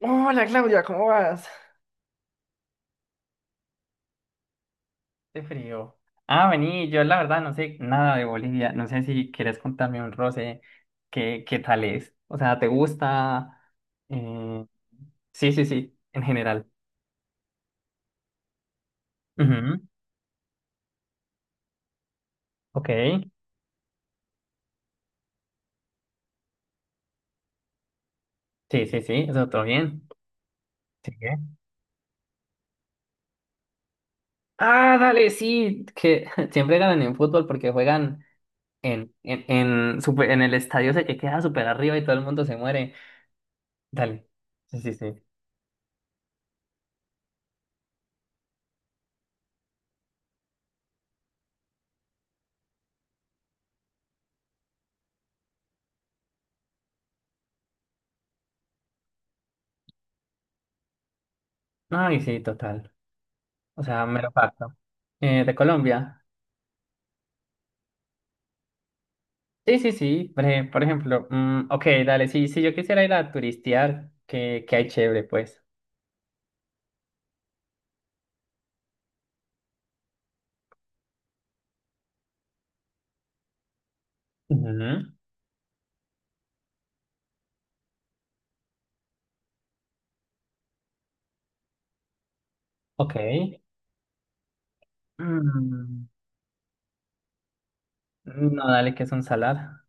Hola Claudia, ¿cómo vas? Qué frío. Ah, vení, yo la verdad no sé nada de Bolivia. No sé si quieres contarme un roce. ¿Qué tal es? O sea, ¿te gusta? Eh, sí, sí, sí, en general. Ujú. Ok. Sí, sí, sí, eso todo bien. Sigue. Ah, dale, sí, que siempre ganan en fútbol porque juegan en, en, en el estadio ese que queda súper arriba y todo el mundo se muere. Dale. Sí, sí, sí. Ay, sí, total. O sea, mero facto. De Colombia. Sí, sí, sí. Por ejemplo, ok, dale, sí, sí, yo quisiera ir a turistear, que hay chévere, pues. Ujú. Ok. Mm, no, dale, que es un salar.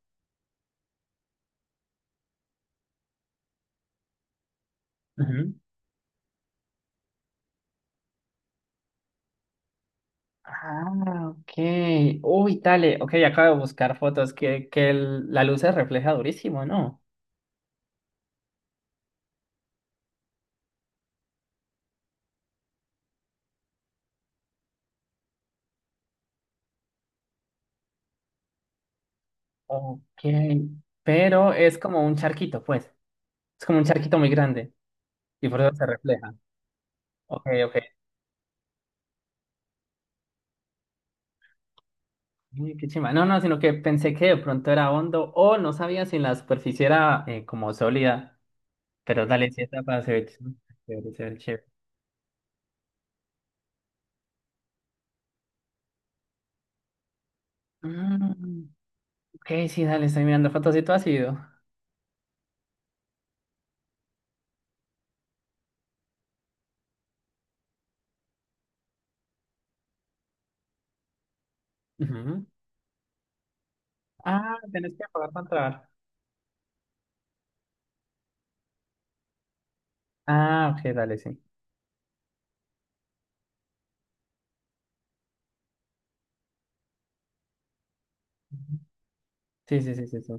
Ujú. Ah, ok. Uy, dale, ok, acabo de buscar fotos que la luz se refleja durísimo, ¿no? Ok. Pero es como un charquito, pues. Es como un charquito muy grande y por eso se refleja. Ok, ok. Uy, qué chimba. No, no, sino que pensé que de pronto era hondo o no sabía si la superficie era como sólida. Pero dale, sí está para ser chévere, se ve chévere. Mm, ok, sí, dale, estoy mirando fotos y todo ha sido. Ujú. Ah, tenés que pagar para entrar. Ah, ok, dale, sí. Ujú. Sí, sí, sí, sí, sí.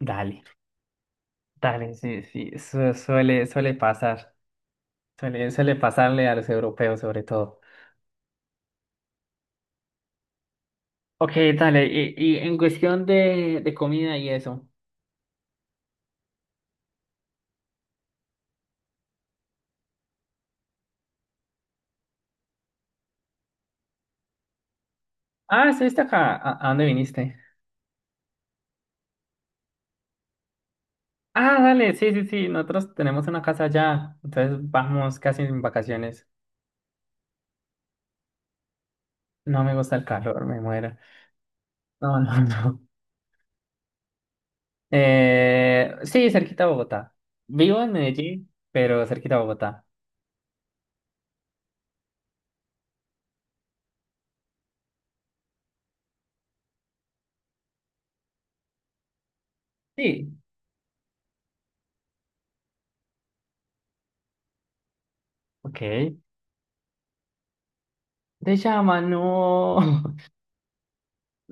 Dale, dale, sí, sí. Suele, suele pasar. Suele, suele pasarle a los europeos sobre todo. Ok, dale. Y en cuestión de comida y eso. Ah, estuviste acá. ¿A dónde viniste? Ah, dale, sí, sí, sí, nosotros tenemos una casa allá, entonces vamos casi en vacaciones. No me gusta el calor, me muero. No, no, no. Sí, cerquita a Bogotá. Vivo en Medellín, pero cerquita a Bogotá. Sí, ok. De llama, no.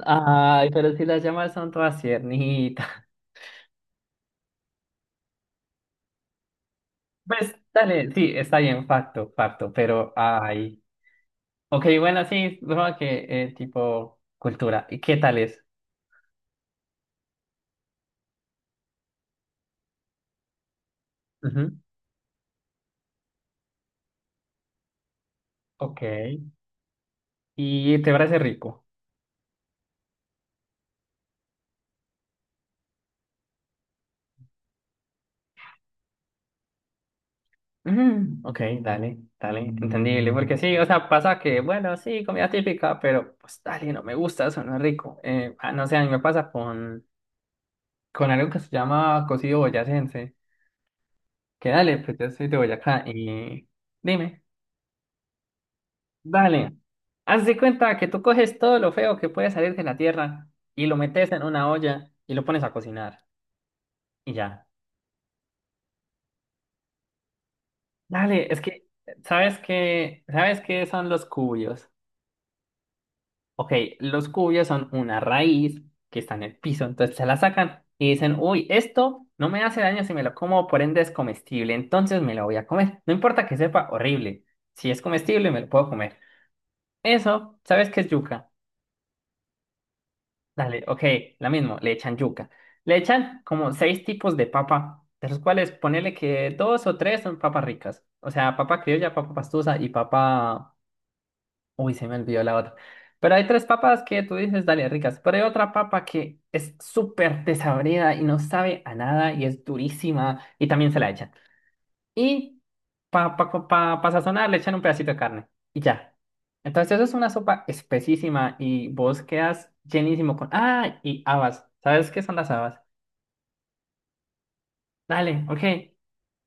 Ay, pero si las llamas son todas tiernitas. Pues, dale, sí, está bien, facto, facto, pero, ay. Ok, bueno, sí, supongo que tipo cultura. ¿Y qué tal es? Ujú. Ok. Y te parece rico. Ujú, ok, dale, dale, entendible. Porque sí, o sea, pasa que, bueno, sí, comida típica, pero pues dale, no me gusta, eso no es rico. No sé, a mí me pasa con algo que se llama cocido boyacense. Que dale, pues yo soy de Boyacá y dime, dale, haz de cuenta que tú coges todo lo feo que puede salir de la tierra y lo metes en una olla y lo pones a cocinar y ya. Dale, es que, ¿sabes qué? ¿Sabes qué son los cubios? Ok, los cubios son una raíz que está en el piso, entonces se la sacan y dicen, uy, esto no me hace daño si me lo como, por ende es comestible, entonces me lo voy a comer. No importa que sepa horrible, si es comestible me lo puedo comer. Eso, ¿sabes qué es yuca? Dale, ok, la mismo, le echan yuca. Le echan como seis tipos de papa, de los cuales ponele que dos o tres son papas ricas, o sea, papa criolla, papa pastusa y papa... Uy, se me olvidó la otra. Pero hay tres papas que tú dices, dale, ricas. Pero hay otra papa que es súper desabrida y no sabe a nada y es durísima y también se la echan. Y para pa sazonar le echan un pedacito de carne y ya. Entonces eso es una sopa espesísima y vos quedas llenísimo con... Ah, y habas. ¿Sabes qué son las habas? Dale, ok.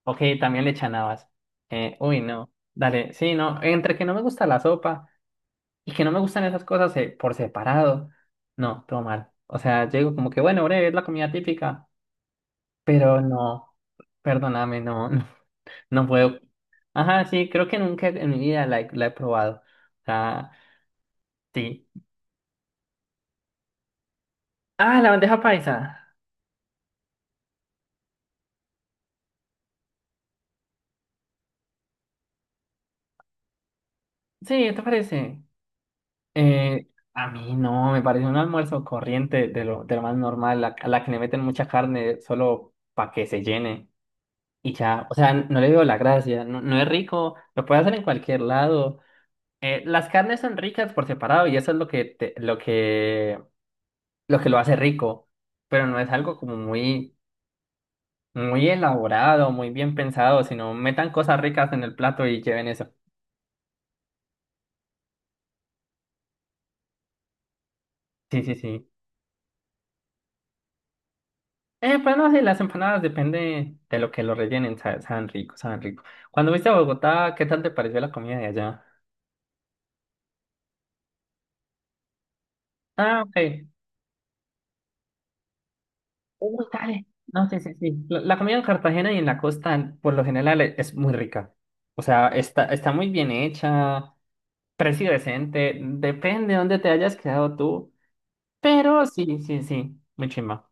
Ok, también le echan habas. Uy, no. Dale, sí, no. Entre que no me gusta la sopa y que no me gustan esas cosas por separado, no, todo mal. O sea, yo digo como que, bueno, breve, es la comida típica, pero no, perdóname, no, no, no puedo. Ajá, sí, creo que nunca en mi vida la he probado. O sea, sí. Ah, la bandeja paisa. Sí, ¿te parece? Eh, a mí no, me parece un almuerzo corriente de lo más normal, a la que le meten mucha carne solo para que se llene. Y ya, o sea, no le veo la gracia, no, no es rico, lo puedes hacer en cualquier lado. Las carnes son ricas por separado y eso es lo que lo que lo hace rico, pero no es algo como muy elaborado, muy bien pensado, sino metan cosas ricas en el plato y lleven eso. Sí, sí, sí. Pues no, sí, las empanadas depende de lo que lo rellenen, saben rico, saben rico. Cuando viste a Bogotá, ¿qué tal te pareció la comida de allá? Ah, ok. Uy, dale. No, sí, sí, sí. La comida en Cartagena y en la costa, por lo general, es muy rica. O sea, está, está muy bien hecha. Precio decente, depende de dónde te hayas quedado tú, pero sí, sí, sí, muy chimba.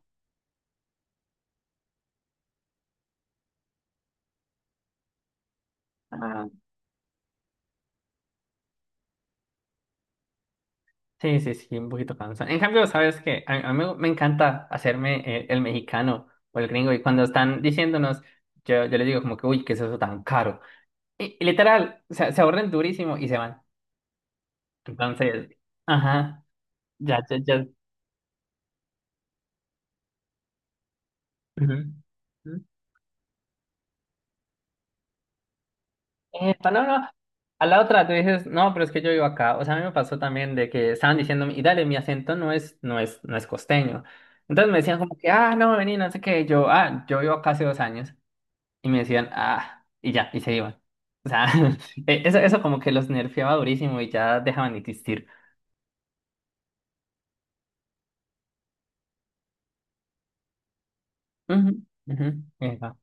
Ah, sí, sí, sí, un poquito cansado. En cambio, sabes que a mí me encanta hacerme mexicano o el gringo y cuando están diciéndonos, yo les digo como que, uy, ¿qué es eso tan caro? Y literal, se ahorren durísimo y se van. Entonces, ajá, ya, ya, ya. Ujú. Epa, no, no. A la otra tú dices, no, pero es que yo vivo acá. O sea, a mí me pasó también de que estaban diciéndome, y dale, mi acento no es costeño. Entonces me decían como que, ah, no, vení, no sé qué. Y yo, ah, yo vivo acá hace 2 años. Y me decían, ah, y ya, y se iban. O sea, eso como que los nerfeaba durísimo y ya dejaban de existir. Ujú, ujú, epa.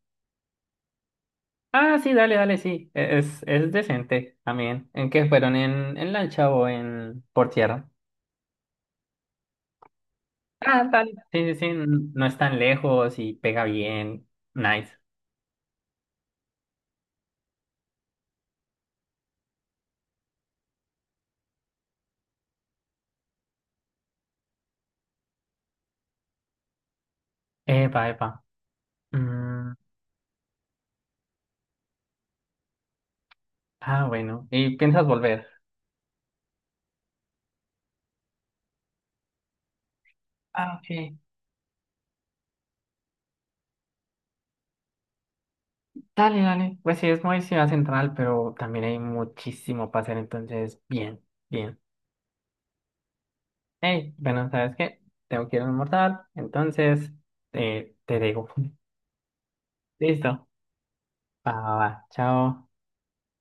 Ah, sí, dale, dale, sí. Es decente también. ¿En qué fueron? En lancha o en por tierra? Ah, dale. Sí, sí, sí, no es tan lejos y pega bien. Nice. Epa, epa. Mm, ah, bueno. ¿Y piensas volver? Ah, ok. Dale, dale. Pues sí, es muy ciudad central, pero también hay muchísimo para hacer, entonces, bien, bien. Hey, bueno, ¿sabes qué? Tengo que ir a almorzar, entonces, te digo. Listo. Va, va, va. Chao.